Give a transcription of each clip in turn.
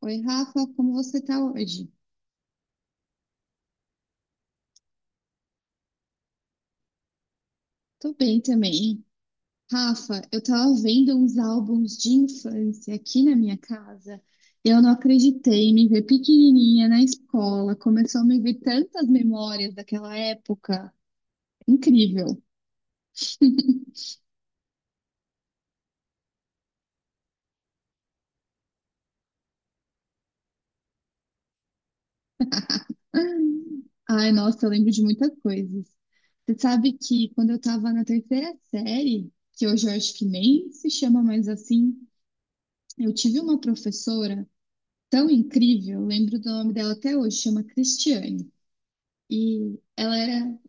Oi, Rafa, como você tá hoje? Tô bem também. Rafa, eu tava vendo uns álbuns de infância aqui na minha casa e eu não acreditei, me ver pequenininha na escola, começou a me vir tantas memórias daquela época. Incrível. Ai, nossa, eu lembro de muitas coisas. Você sabe que quando eu estava na terceira série, que hoje eu acho que nem se chama mais assim, eu tive uma professora tão incrível, eu lembro do nome dela até hoje, chama Cristiane. E ela era,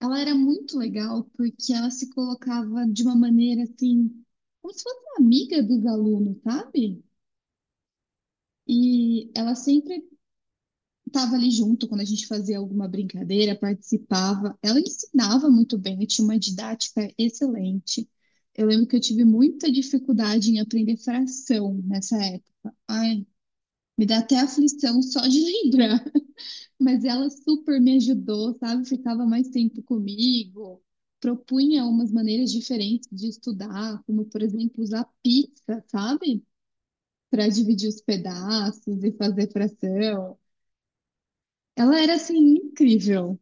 ela era muito legal porque ela se colocava de uma maneira assim, como se fosse uma amiga dos alunos, sabe? E ela sempre estava ali junto quando a gente fazia alguma brincadeira, participava. Ela ensinava muito bem, tinha uma didática excelente. Eu lembro que eu tive muita dificuldade em aprender fração nessa época. Ai, me dá até aflição só de lembrar. Mas ela super me ajudou, sabe? Ficava mais tempo comigo, propunha umas maneiras diferentes de estudar, como, por exemplo, usar pizza, sabe? Para dividir os pedaços e fazer fração. Ela era assim incrível.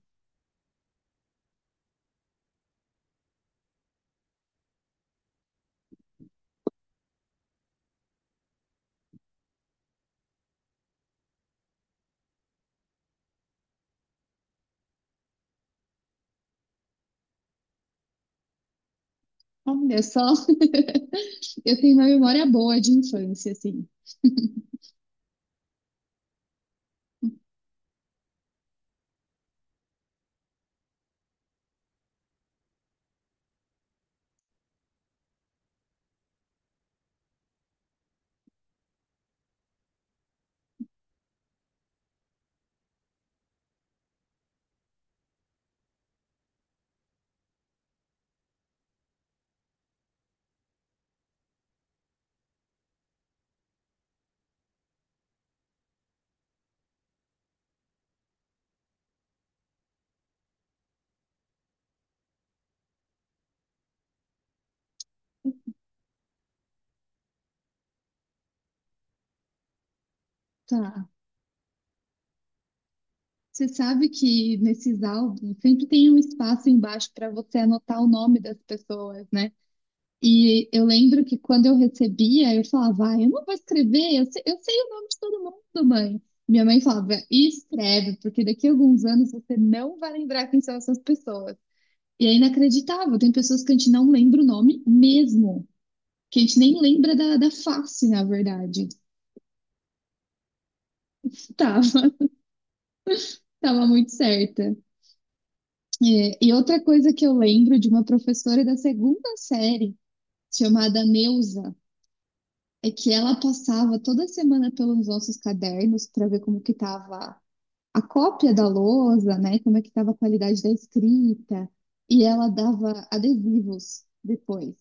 Olha só, eu tenho uma memória boa de infância, assim. Tá. Você sabe que nesses álbuns sempre tem um espaço embaixo para você anotar o nome das pessoas, né? E eu lembro que quando eu recebia, eu falava, ah, eu não vou escrever, eu sei o nome de todo mundo, mãe. Minha mãe falava, escreve, porque daqui a alguns anos você não vai lembrar quem são essas pessoas. E é inacreditável, tem pessoas que a gente não lembra o nome mesmo, que a gente nem lembra da face, na verdade. Tava, tava muito certa. É, e outra coisa que eu lembro de uma professora da segunda série, chamada Neuza, é que ela passava toda semana pelos nossos cadernos para ver como que estava a cópia da lousa, né? Como é que estava a qualidade da escrita. E ela dava adesivos depois.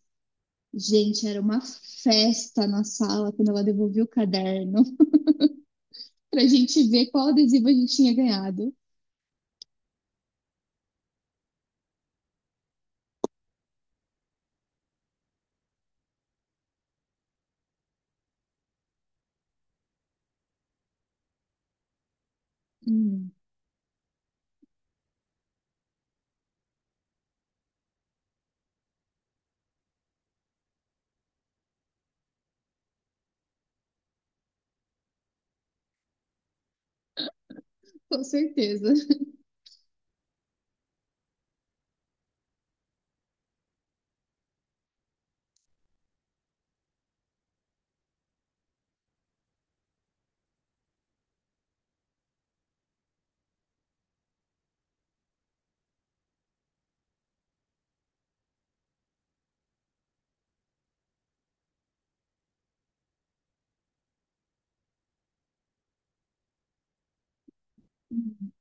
Gente, era uma festa na sala quando ela devolvia o caderno para a gente ver qual adesivo a gente tinha ganhado. Hum, com certeza. Hum.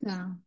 Tá.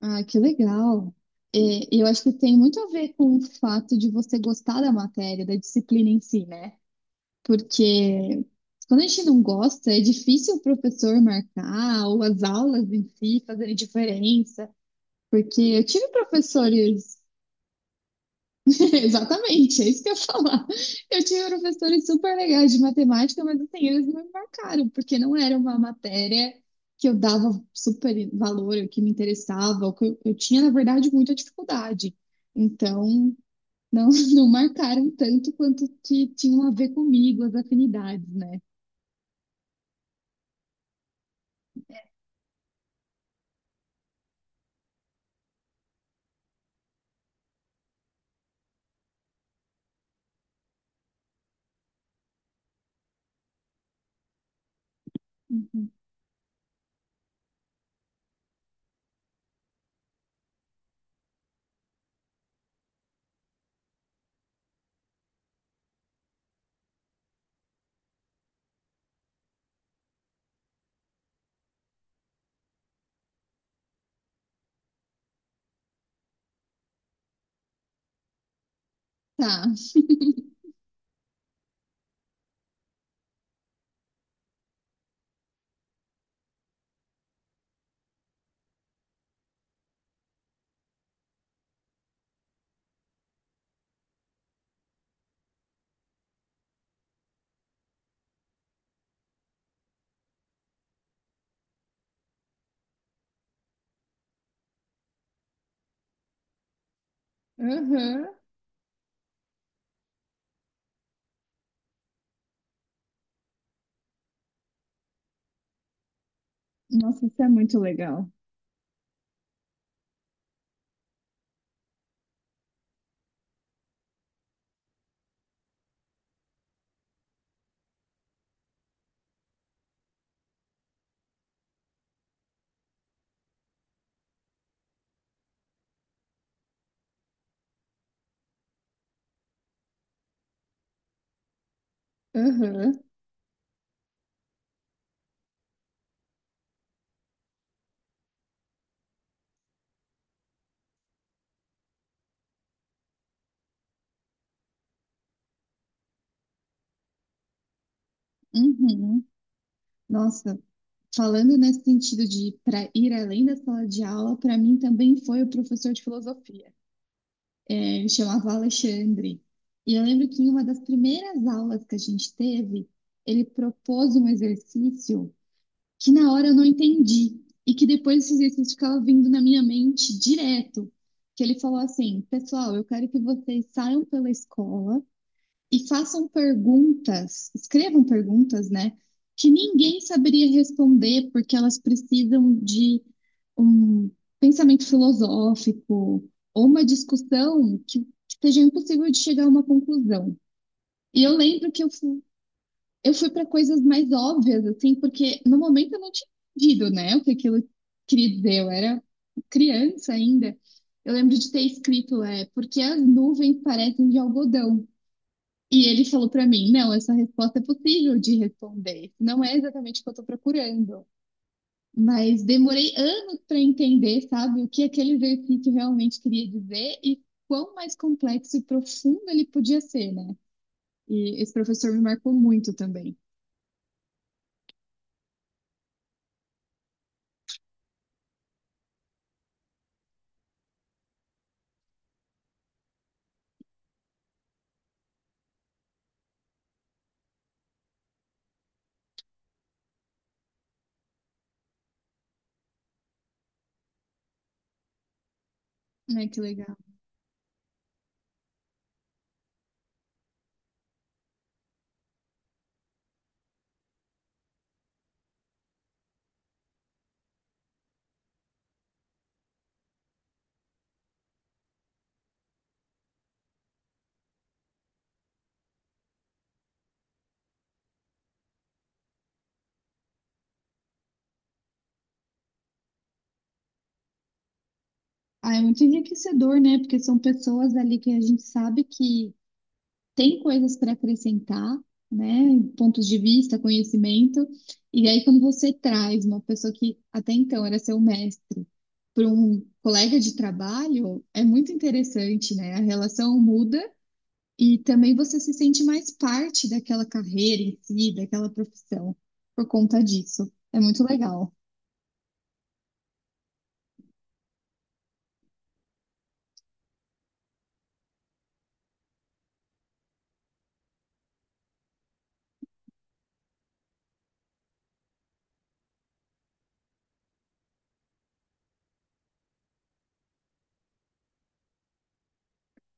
Ah, que legal. É, eu acho que tem muito a ver com o fato de você gostar da matéria, da disciplina em si, né? Porque quando a gente não gosta, é difícil o professor marcar ou as aulas em si fazerem diferença. Porque eu tive professores, exatamente, é isso que eu ia falar. Eu tive professores super legais de matemática, mas assim, eles não me marcaram, porque não era uma matéria que eu dava super valor, ou que me interessava, ou que eu tinha, na verdade, muita dificuldade. Então, não, não marcaram tanto quanto que tinham a ver comigo, as afinidades, né? Uhum. Tá. Uhum. Nossa, isso é muito legal. Uhum. Uhum. Nossa, falando nesse sentido de para ir além da sala de aula, para mim também foi o professor de filosofia. É, ele chamava Alexandre. E eu lembro que em uma das primeiras aulas que a gente teve, ele propôs um exercício que na hora eu não entendi e que depois esse exercício ficava vindo na minha mente direto. Que ele falou assim: Pessoal, eu quero que vocês saiam pela escola e façam perguntas, escrevam perguntas, né? Que ninguém saberia responder, porque elas precisam de um pensamento filosófico ou uma discussão que seja impossível de chegar a uma conclusão. E eu lembro que eu fui para coisas mais óbvias, assim, porque no momento eu não tinha entendido, né, o que aquilo queria dizer, eu era criança ainda. Eu lembro de ter escrito, é, porque as nuvens parecem de algodão. E ele falou para mim: não, essa resposta é possível de responder. Não é exatamente o que eu estou procurando. Mas demorei anos para entender, sabe, o que aquele exercício realmente queria dizer e quão mais complexo e profundo ele podia ser, né? E esse professor me marcou muito também. Ai, que legal. Ah, é muito enriquecedor, né? Porque são pessoas ali que a gente sabe que tem coisas para acrescentar, né? Pontos de vista, conhecimento. E aí, quando você traz uma pessoa que até então era seu mestre para um colega de trabalho, é muito interessante, né? A relação muda e também você se sente mais parte daquela carreira em si, daquela profissão, por conta disso. É muito legal.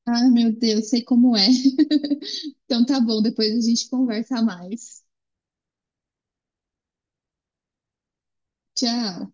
Ah, meu Deus, sei como é. Então tá bom, depois a gente conversa mais. Tchau.